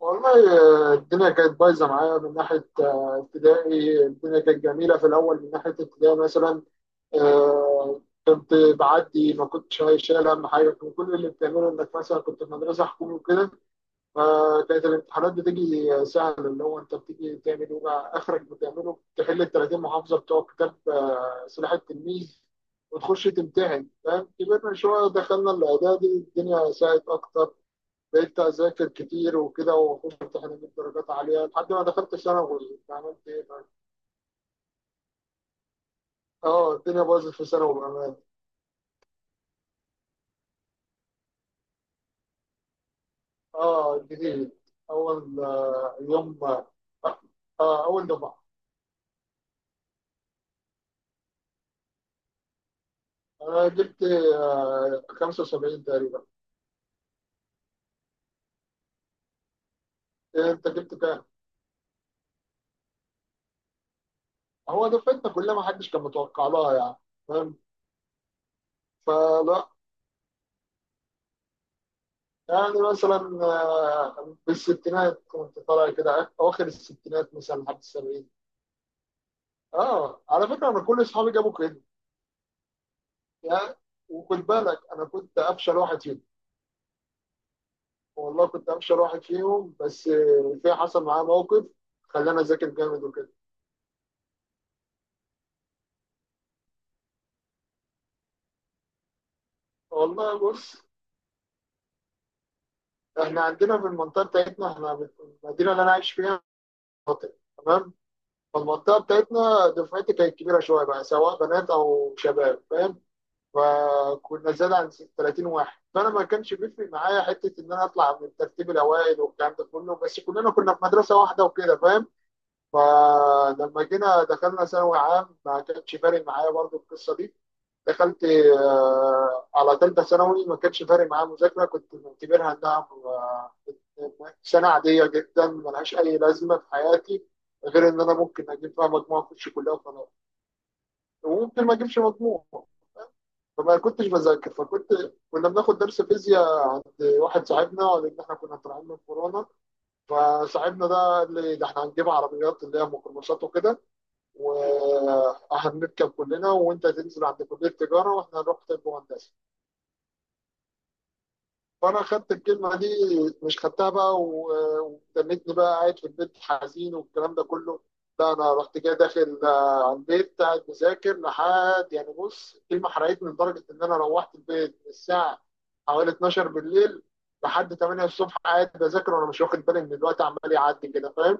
والله. الدنيا كانت بايظه معايا من ناحيه ابتدائي. الدنيا كانت جميله في الاول من ناحيه ابتدائي مثلا. آه، كنت بعدي ما كنتش شايل هم حاجه، كان كل اللي بتعمله انك مثلا كنت في مدرسه حكومي وكده، فكانت الامتحانات بتيجي سهله، اللي هو انت بتيجي تعمل ايه بقى، اخرك بتعمله تحل ال 30 محافظه بتوع كتاب سلاح التلميذ وتخش تمتحن، فاهم؟ كبرنا شويه دخلنا الاعدادي، الدنيا ساعت اكتر، بقيت اذاكر كتير وكده، وفي امتحانات جبت درجات عاليه لحد ما دخلت ثانوي. يعني عملت ايه بقى؟ اه الدنيا باظت في ثانوي بامان. اه جديد. اول يوم. اه اول دفعه. انا جبت آه 75 تقريبا. إيه انت جبت كام؟ هو دفعتنا كلها ما حدش كان متوقع لها يعني. فاهم؟ فلا. يعني مثلا بالستينات كنت طالع كده، اواخر الستينات مثلا لحد السبعين. اه على فكره انا كل اصحابي جابوا كده. يا، وخد بالك انا كنت افشل واحد فيهم. والله كنت افشل واحد فيهم. بس في حصل معايا موقف خلاني اذاكر جامد وكده. والله بص، احنا عندنا في المنطقه بتاعتنا، احنا في المدينه اللي انا عايش فيها، تمام؟ فالمنطقه بتاعتنا دفعتي كانت كبيره شويه بقى، سواء بنات او شباب، فاهم؟ فكنا زاد عن 30 واحد، فانا ما كانش بيفرق معايا حته ان انا اطلع من الترتيب الاوائل والكلام ده كله، بس كلنا كنا في مدرسه واحده وكده، فاهم؟ فلما جينا دخلنا ثانوي عام ما كانش فارق معايا برضو القصه دي. دخلت على ثالثه ثانوي، ما كانش فارق معايا مذاكره، كنت معتبرها انها سنه عاديه جدا ملهاش اي لازمه في حياتي، غير ان انا ممكن اجيب فيها مجموعه اخش كلها وخلاص، وممكن ما اجيبش مجموع. فما كنتش بذاكر، فكنت، كنا بناخد درس فيزياء عند واحد صاحبنا، لان احنا كنا طالعين من كورونا، فصاحبنا ده قال لي ده احنا هنجيب عربيات اللي هي ميكروباصات وكده، وهنركب كلنا وانت تنزل عند كليه التجاره واحنا هنروح طب وهندسه. فانا خدت الكلمه دي، مش خدتها بقى وتنتني بقى قاعد في البيت حزين والكلام ده كله، لا انا رحت جاي داخل على البيت قاعد مذاكر لحد يعني. بص الكلمه حرقتني لدرجه ان انا روحت البيت من الساعه حوالي 12 بالليل لحد 8 الصبح قاعد بذاكر، وانا مش واخد بالي ان الوقت عمال يعدي كده، فاهم؟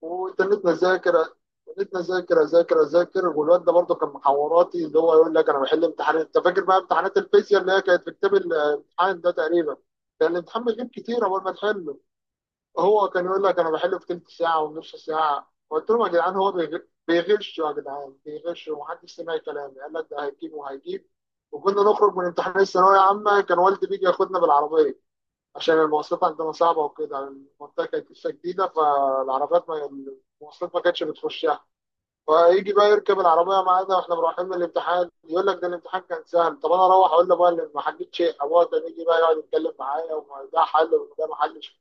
وتنيت نذاكر، تنيت نذاكر اذاكر اذاكر، والواد ده برضه كان محوراتي، اللي هو يقول لك انا بحل امتحانات، انت فاكر بقى امتحانات الفيزياء اللي هي كانت في كتاب الامتحان ده تقريبا، كان الامتحان بيجيب كتير اول ما تحله، هو كان يقول لك انا بحله في تلت ساعه ونص ساعه. قلت لهم يا جدعان هو بيغش يا جدعان، بيغش، ومحدش سمع كلامي، قال لك ده هيجيب وهيجيب. وكنا نخرج من امتحان الثانويه عامه، كان والدي بيجي ياخدنا بالعربيه، عشان المواصلات عندنا صعبة وكده، المنطقة كانت لسه جديدة، فالعربيات ما، المواصلات ما كانتش بتخشها. فيجي بقى يركب العربية معانا واحنا رايحين من الامتحان، يقول لك ده الامتحان كان سهل، طب انا اروح اقول لابويا اللي ما حلتش شيء؟ ابويا كان يجي بقى يقعد يتكلم معايا وده حل وده ما حلش.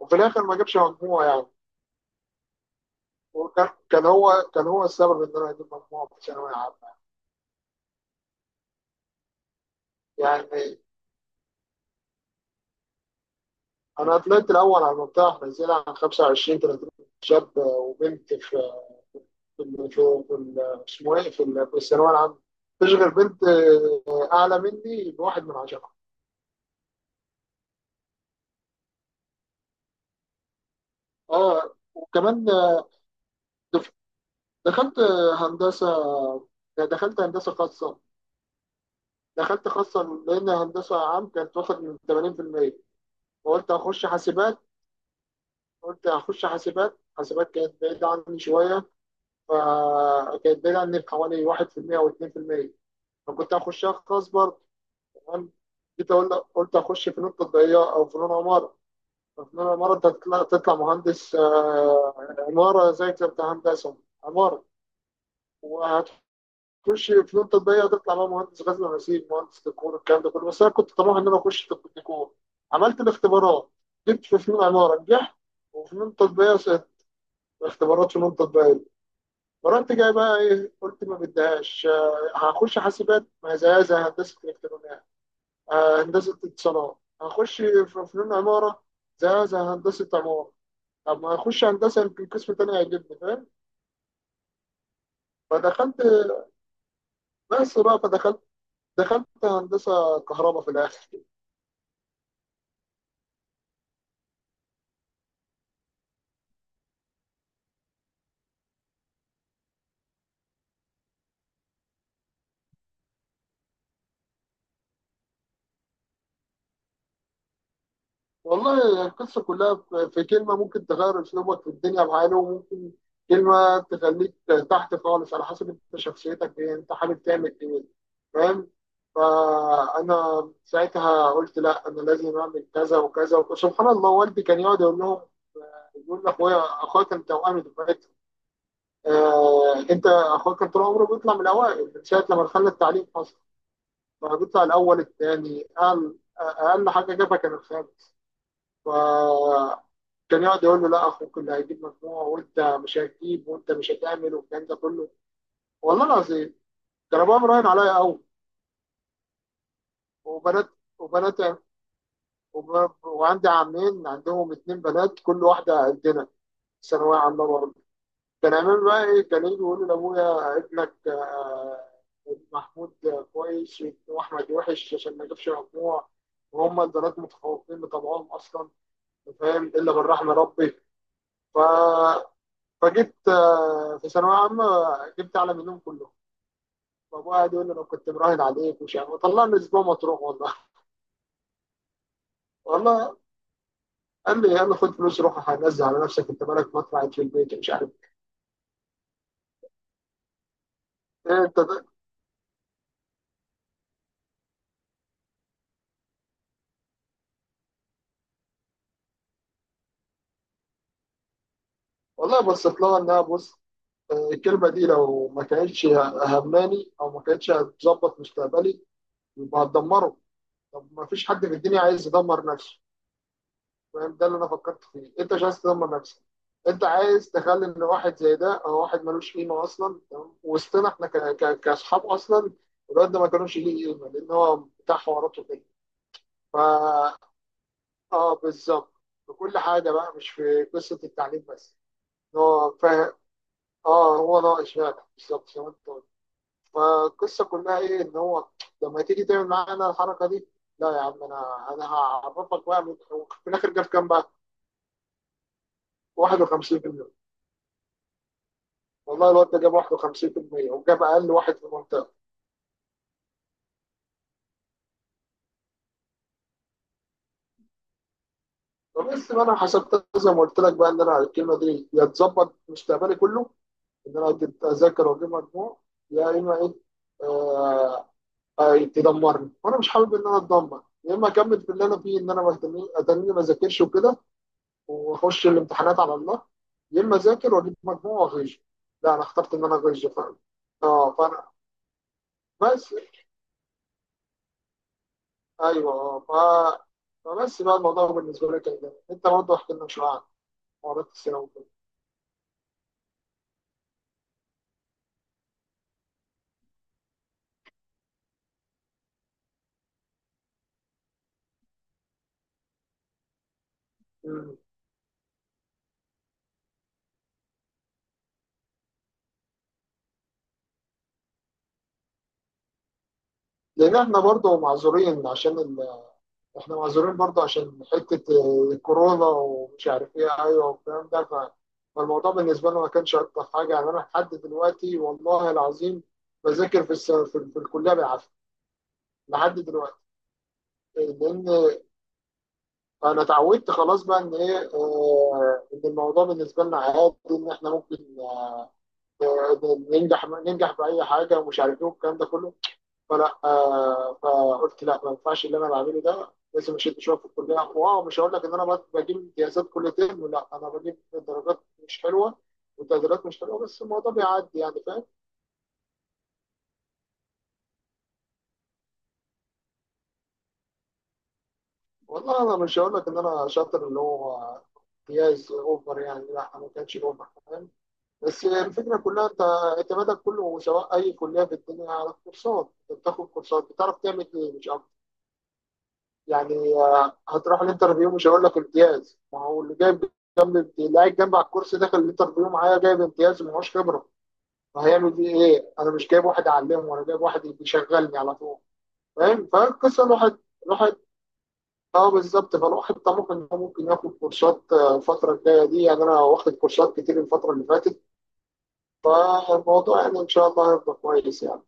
وفي الاخر ما جابش مجموع يعني. وكان هو، كان هو السبب ان انا اجيب مجموع في ثانوية عامة يعني. انا طلعت الاول على المنطقة، احنا نزلنا عن 25 30 شاب وبنت في اسمه ايه، في في الثانويه العامه. تشغل بنت اعلى مني بواحد من عشرة. اه وكمان دف- دخلت هندسه. دخلت هندسه خاصه. دخلت خاصه لان هندسه عام كانت واخد من 80%، وقلت هخش حاسبات. قلت هخش حاسبات، حاسبات كانت بعيده عني شويه، فكانت بعيده عني بحوالي 1% او 2%، فكنت هخشها خاص برضه. تمام؟ جيت اقول، قلت اخش فنون تطبيقيه او فنون عمارة. مرة أنت تطلع مهندس عمارة، ذاكر أنت هندسة عمارة، وهتخش فنون تطبيقية هتطلع بقى مهندس غزل ونسيج، مهندس ديكور، الكلام ده كله، بس أنا كنت طموح إن أنا أخش طب ديكور. عملت الاختبارات، جبت في فنون عمارة نجحت، وفنون تطبيقية سقطت. اختبارات فنون تطبيقية. فرحت جاي بقى إيه، قلت ما بديهاش هخش حاسبات ما زيها زي هندسة إلكترونيات، هندسة اتصالات. هخش في فنون عمارة زيها زي هندسة عمارة، طب ما اخش هندسه يمكن قسم تاني هيجيبني، فاهم؟ فدخلت، بس بقى فدخلت، دخلت هندسه كهرباء في الاخر. والله القصه كلها في في كلمه ممكن تغير اسلوبك في الدنيا معانا، وممكن كلمه تخليك تحت خالص، على حسب انت شخصيتك ايه، انت حابب تعمل ايه. فاهم؟ فانا ساعتها قلت لا انا لازم اعمل كذا وكذا. وسبحان الله والدي كان يقعد يقول لهم، يقول لاخويا، اخويا كان توأمي دفعتي، آه انت اخوك كان طول عمره بيطلع من الاوائل من ساعه لما دخل التعليم اصلا، فبيطلع الاول الثاني، اقل حاجه جابها كان الخامس. ف كان يقعد يقول له لا اخوك اللي هيجيب مجموع، وانت مش هتجيب وانت مش هتعمل والكلام ده كله. والله العظيم كان ابويا مراهن عليا قوي. وبنات وبنات وعندي عمين عندهم اتنين بنات كل واحده قدنا، ثانويه عامه برضه. كان عامل بقى ايه، كان يجي يقول لابويا ابنك محمود كويس، واحمد وحش عشان ما يجيبش مجموع، وهم البنات متفوقين بطبعهم اصلا، فاهم؟ الا من رحم ربي. ف... فجبت في ثانويه عامه، جبت اعلى منهم كلهم. فابويا قاعد يقول لي انا كنت مراهن عليك ومش عارف، وطلعني اسبوع مطروح والله. والله قال لي يلا خد فلوس روح هنزل على نفسك، انت مالك ما طلعت، في البيت مش عارف. إيه انت ده؟ والله بصيت لها انها، بص، الكلمة دي لو ما كانتش هماني أو ما كانتش هتظبط مستقبلي يبقى هتدمره، طب ما فيش حد في الدنيا عايز يدمر نفسه. فاهم؟ ده اللي أنا فكرت فيه، أنت مش عايز تدمر نفسك، أنت عايز تخلي إن واحد زي ده أو واحد ملوش قيمة أصلا، تمام؟ وسطنا إحنا كأصحاب أصلا. الواد ده ما كانوش ليه قيمة لأن هو بتاع حواراته كده. فا آه بالظبط، في كل حاجة بقى مش في قصة التعليم بس، إن هو فاهم. آه هو ناقص فعلا بالظبط زي ما أنت قلت. فالقصه كلها ايه، ان هو لما تيجي تعمل معانا الحركه دي، لا يا عم انا انا هعرفك بقى في الاخر جاب كام بقى؟ 51%. والله الواد ده جاب 51% وجاب اقل واحد في المنطقه. فبس بقى انا حسبت زي ما قلت لك بقى، ان انا الكلمه دي يا تظبط مستقبلي كله، ان انا اجيب اذاكر واجيب مجموع، يا اما ايه، آه تدمرني وانا مش حابب ان انا اتدمر. يا اما اكمل في اللي انا فيه، ان انا ما اتني ما اذاكرش وكده واخش الامتحانات على الله. يا اما اذاكر واجيب مجموع واغش. لا انا اخترت ان انا اغش فعلا. اه فانا، بس، ايوه اه فبس بقى، الموضوع بالنسبه لك كده، انت برضه احكي لنا شويه عن حوارات الثانوي وكده. مم. لان احنا برضه معذورين عشان احنا معذورين برضه عشان حته الكورونا ومش عارف ايه ايوه والكلام ده فالموضوع بالنسبه لنا ما كانش اكتر حاجه يعني. انا لحد دلوقتي والله العظيم بذاكر في في الكليه بالعافيه لحد دلوقتي. لان انا اتعودت خلاص بقى ان ايه، ان الموضوع بالنسبه لنا عادي، ان احنا ممكن آه، ننجح، ننجح باي حاجه ومش عارف ايه والكلام ده كله. فلا فقلت لا ما ينفعش اللي انا بعمله ده، لازم اشد شويه في الكليه. واو مش هقول لك ان انا بجيب امتيازات كل ترم، لا انا بجيب درجات مش حلوه وتقديرات مش حلوه، بس الموضوع بيعدي يعني، فاهم؟ والله انا مش هقول لك ان انا شاطر اللي هو امتياز اوفر يعني، لا ما كانش اوفر، فاهم. بس يعني الفكرة كلها، أنت اعتمادك كله سواء أي كلية في الدنيا على الكورسات، أنت بتاخد كورسات بتعرف تعمل إيه مش أكتر، يعني هتروح الانترفيو مش هقول لك امتياز، ما هو اللي جايب، اللي قاعد جنب على الكورس داخل الانترفيو معايا جايب امتياز ومعهوش خبرة، فهيعمل بيه إيه؟ أنا مش جايب واحد أعلمه، أنا جايب واحد يشغلني على طول، فاهم؟ فالقصة الواحد، الواحد، اه بالظبط، فالواحد طموح ان هو ممكن ياخد كورسات الفترة الجاية دي، يعني انا واخد كورسات كتير الفترة اللي فاتت. فالموضوع يعني ان شاء الله هيبقى كويس يعني.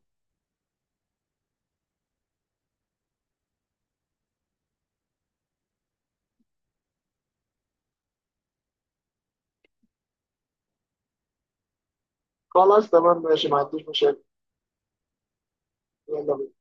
خلاص تمام ماشي ما عنديش مشاكل. يلا بينا.